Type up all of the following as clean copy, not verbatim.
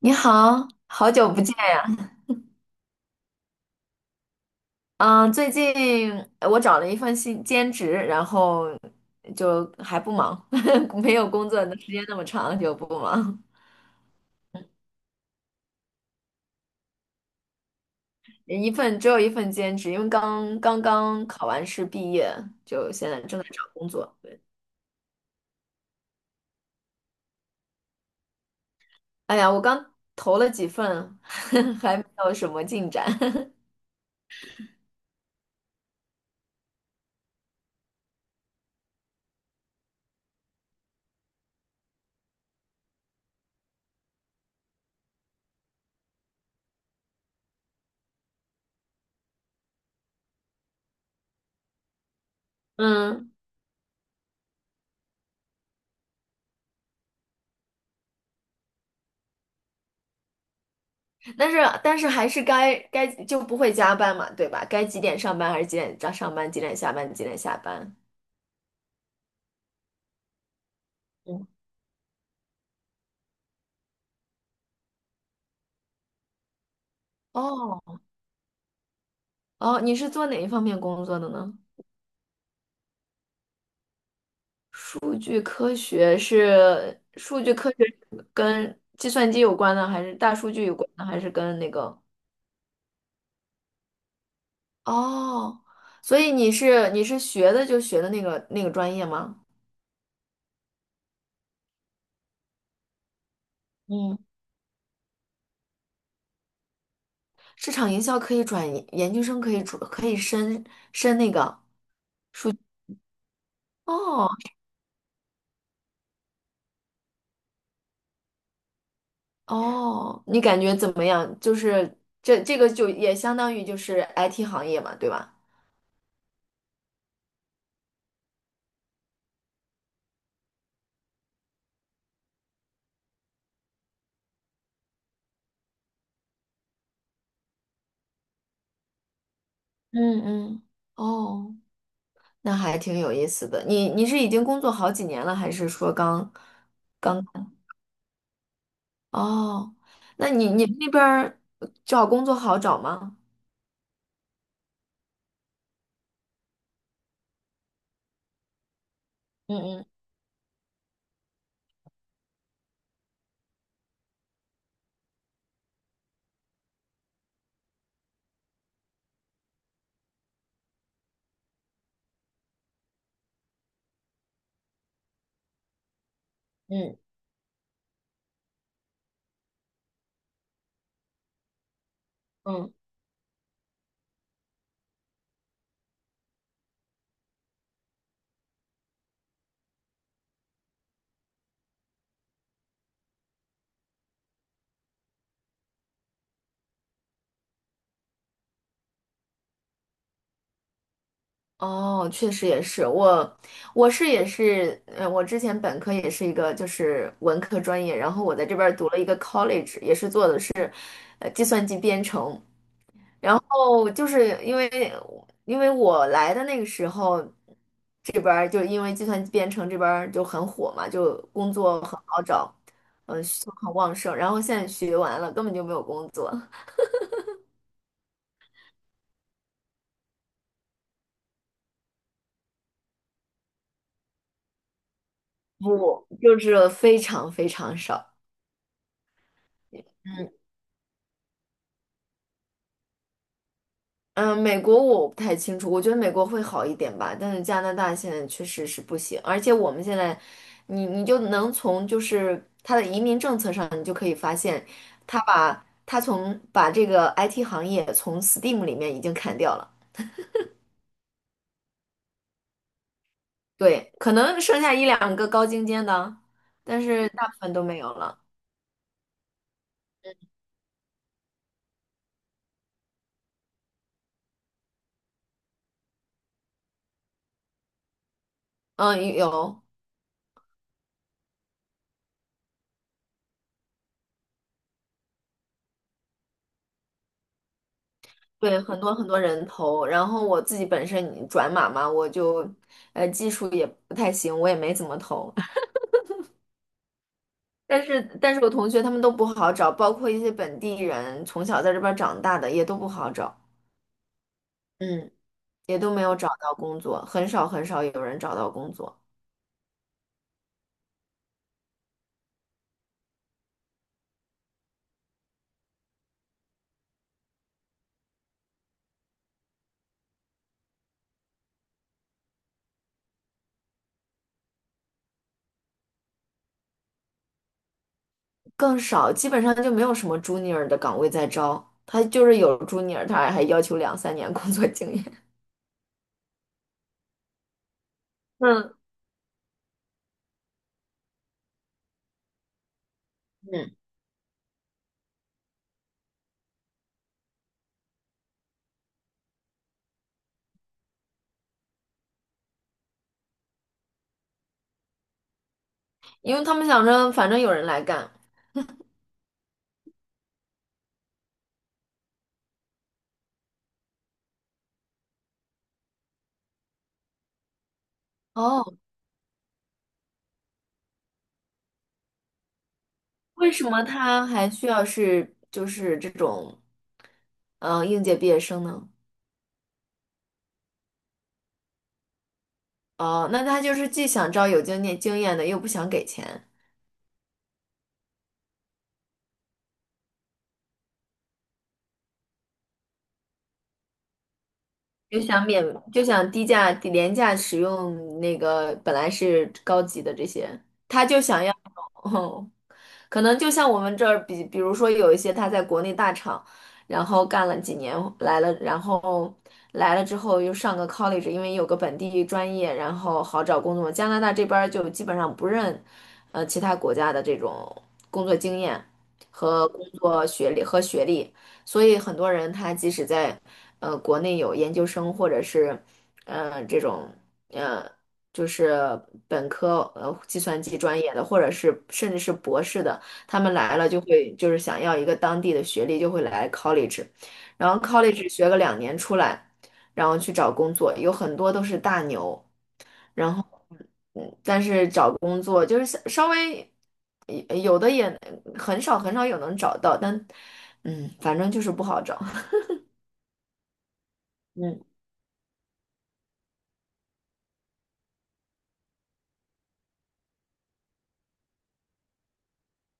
你好，好久不见。嗯，最近我找了一份新兼职，然后就还不忙，没有工作的时间那么长，就不忙。只有一份兼职，因为刚考完试毕业，就现在正在找工作。哎呀，我刚投了几份，还没有什么进展。嗯，但是但是还是该就不会加班嘛，对吧？该几点上班，还是几点上班，几点下班？嗯。哦，哦，你是做哪一方面工作的呢？数据科学是跟计算机有关的，还是大数据有关的，还是跟那个？哦，所以你是学的那个专业吗？嗯，市场营销可以转研究生，可以升那个。哦哦，你感觉怎么样？就是这个就也相当于就是 IT 行业嘛，对吧？嗯嗯，哦。那还挺有意思的。你是已经工作好几年了，还是说刚？哦，那你们那边儿找工作好找吗？嗯嗯嗯嗯，哦，确实也是，我是也是，我之前本科也是一个就是文科专业，然后我在这边儿读了一个 college，也是做的是，计算机编程。然后就是因为我来的那个时候，这边儿就是因为计算机编程这边儿就很火嘛，就工作很好找，嗯，需求很旺盛。然后现在学完了，根本就没有工作，不，就是非常非常少。嗯，美国我不太清楚，我觉得美国会好一点吧，但是加拿大现在确实是不行，而且我们现在，你就能从就是他的移民政策上，你就可以发现，他把他从把这个 IT 行业从 STEAM 里面已经砍掉了，对，可能剩下一两个高精尖的，但是大部分都没有了。嗯，有，对，很多很多人投，然后我自己本身转码嘛，我就技术也不太行，我也没怎么投。但是我同学他们都不好找，包括一些本地人从小在这边儿长大的也都不好找，嗯，也都没有找到工作，很少很少有人找到工作，更少，基本上就没有什么 junior 的岗位在招，他就是有 junior，他还要求2、3年工作经验。嗯嗯，因为他们想着反正有人来干。哦，为什么他还需要是就是这种，嗯、应届毕业生呢？哦，那他就是既想招有经验的，又不想给钱。就想免，就想低廉价使用那个本来是高级的这些，他就想要。哦，可能就像我们这儿比如说有一些他在国内大厂，然后干了几年来了，然后来了之后又上个 college，因为有个本地专业，然后好找工作。加拿大这边儿就基本上不认，其他国家的这种工作经验和工作学历和学历，所以很多人他即使在国内有研究生，或者是这种呃。就是本科计算机专业的，或者是甚至是博士的，他们来了就是想要一个当地的学历，就会来 college，然后 college 学个2年出来，然后去找工作，有很多都是大牛，然后但是找工作就是稍微有的也很少很少有能找到，但反正就是不好找。嗯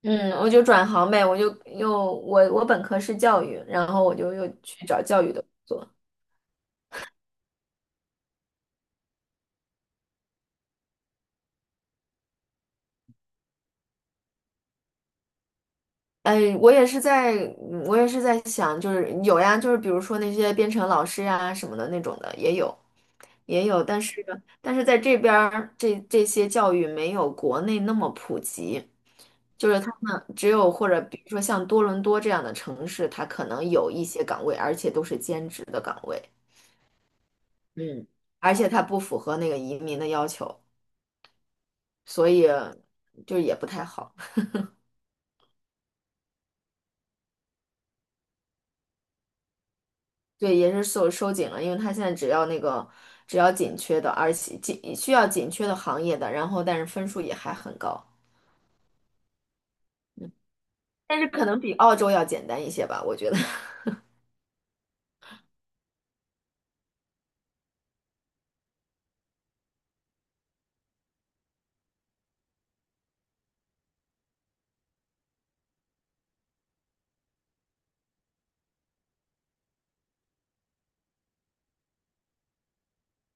嗯，我就转行呗，我就又我我本科是教育，然后我就又去找教育的工作。哎，我也是在想，就是有呀，就是比如说那些编程老师呀什么的那种的也有，也有，但是在这边儿这些教育没有国内那么普及，就是他们或者比如说像多伦多这样的城市，它可能有一些岗位，而且都是兼职的岗位，嗯，而且它不符合那个移民的要求，所以就也不太好。对，也是收紧了，因为它现在只要紧缺的，而且紧需要紧缺的行业的，然后但是分数也还很高，但是可能比澳洲要简单一些吧，我觉得。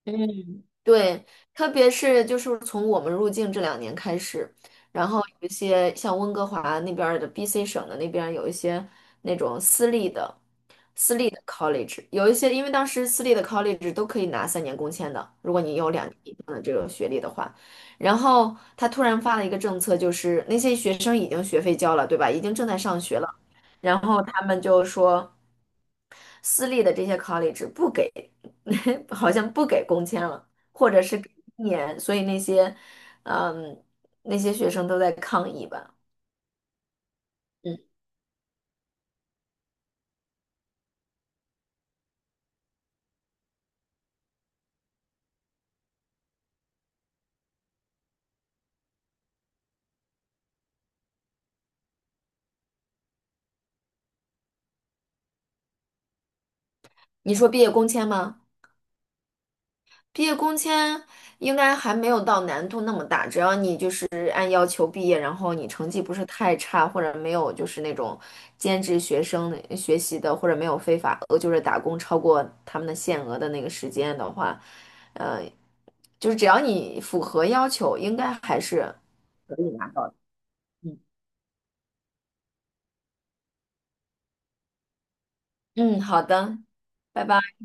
嗯，对，特别是就是从我们入境这两年开始，然后有一些像温哥华那边儿的 BC 省的那边儿有一些那种私立的 college，有一些因为当时私立的 college 都可以拿3年工签的，如果你有两年。然后他突然发了一个政策，就是那些学生已经学费交了，对吧？已经正在上学了，然后他们就说私立的这些 college 不给。好像不给工签了，或者是给1年，所以嗯，那些学生都在抗议吧。嗯，你说毕业工签吗？毕业工签应该还没有到难度那么大，只要你就是按要求毕业，然后你成绩不是太差，或者没有就是那种兼职学生的学习的，或者没有非法就是打工超过他们的限额的那个时间的话，呃，就是只要你符合要求，应该还是可以拿到的。嗯，好的，拜拜。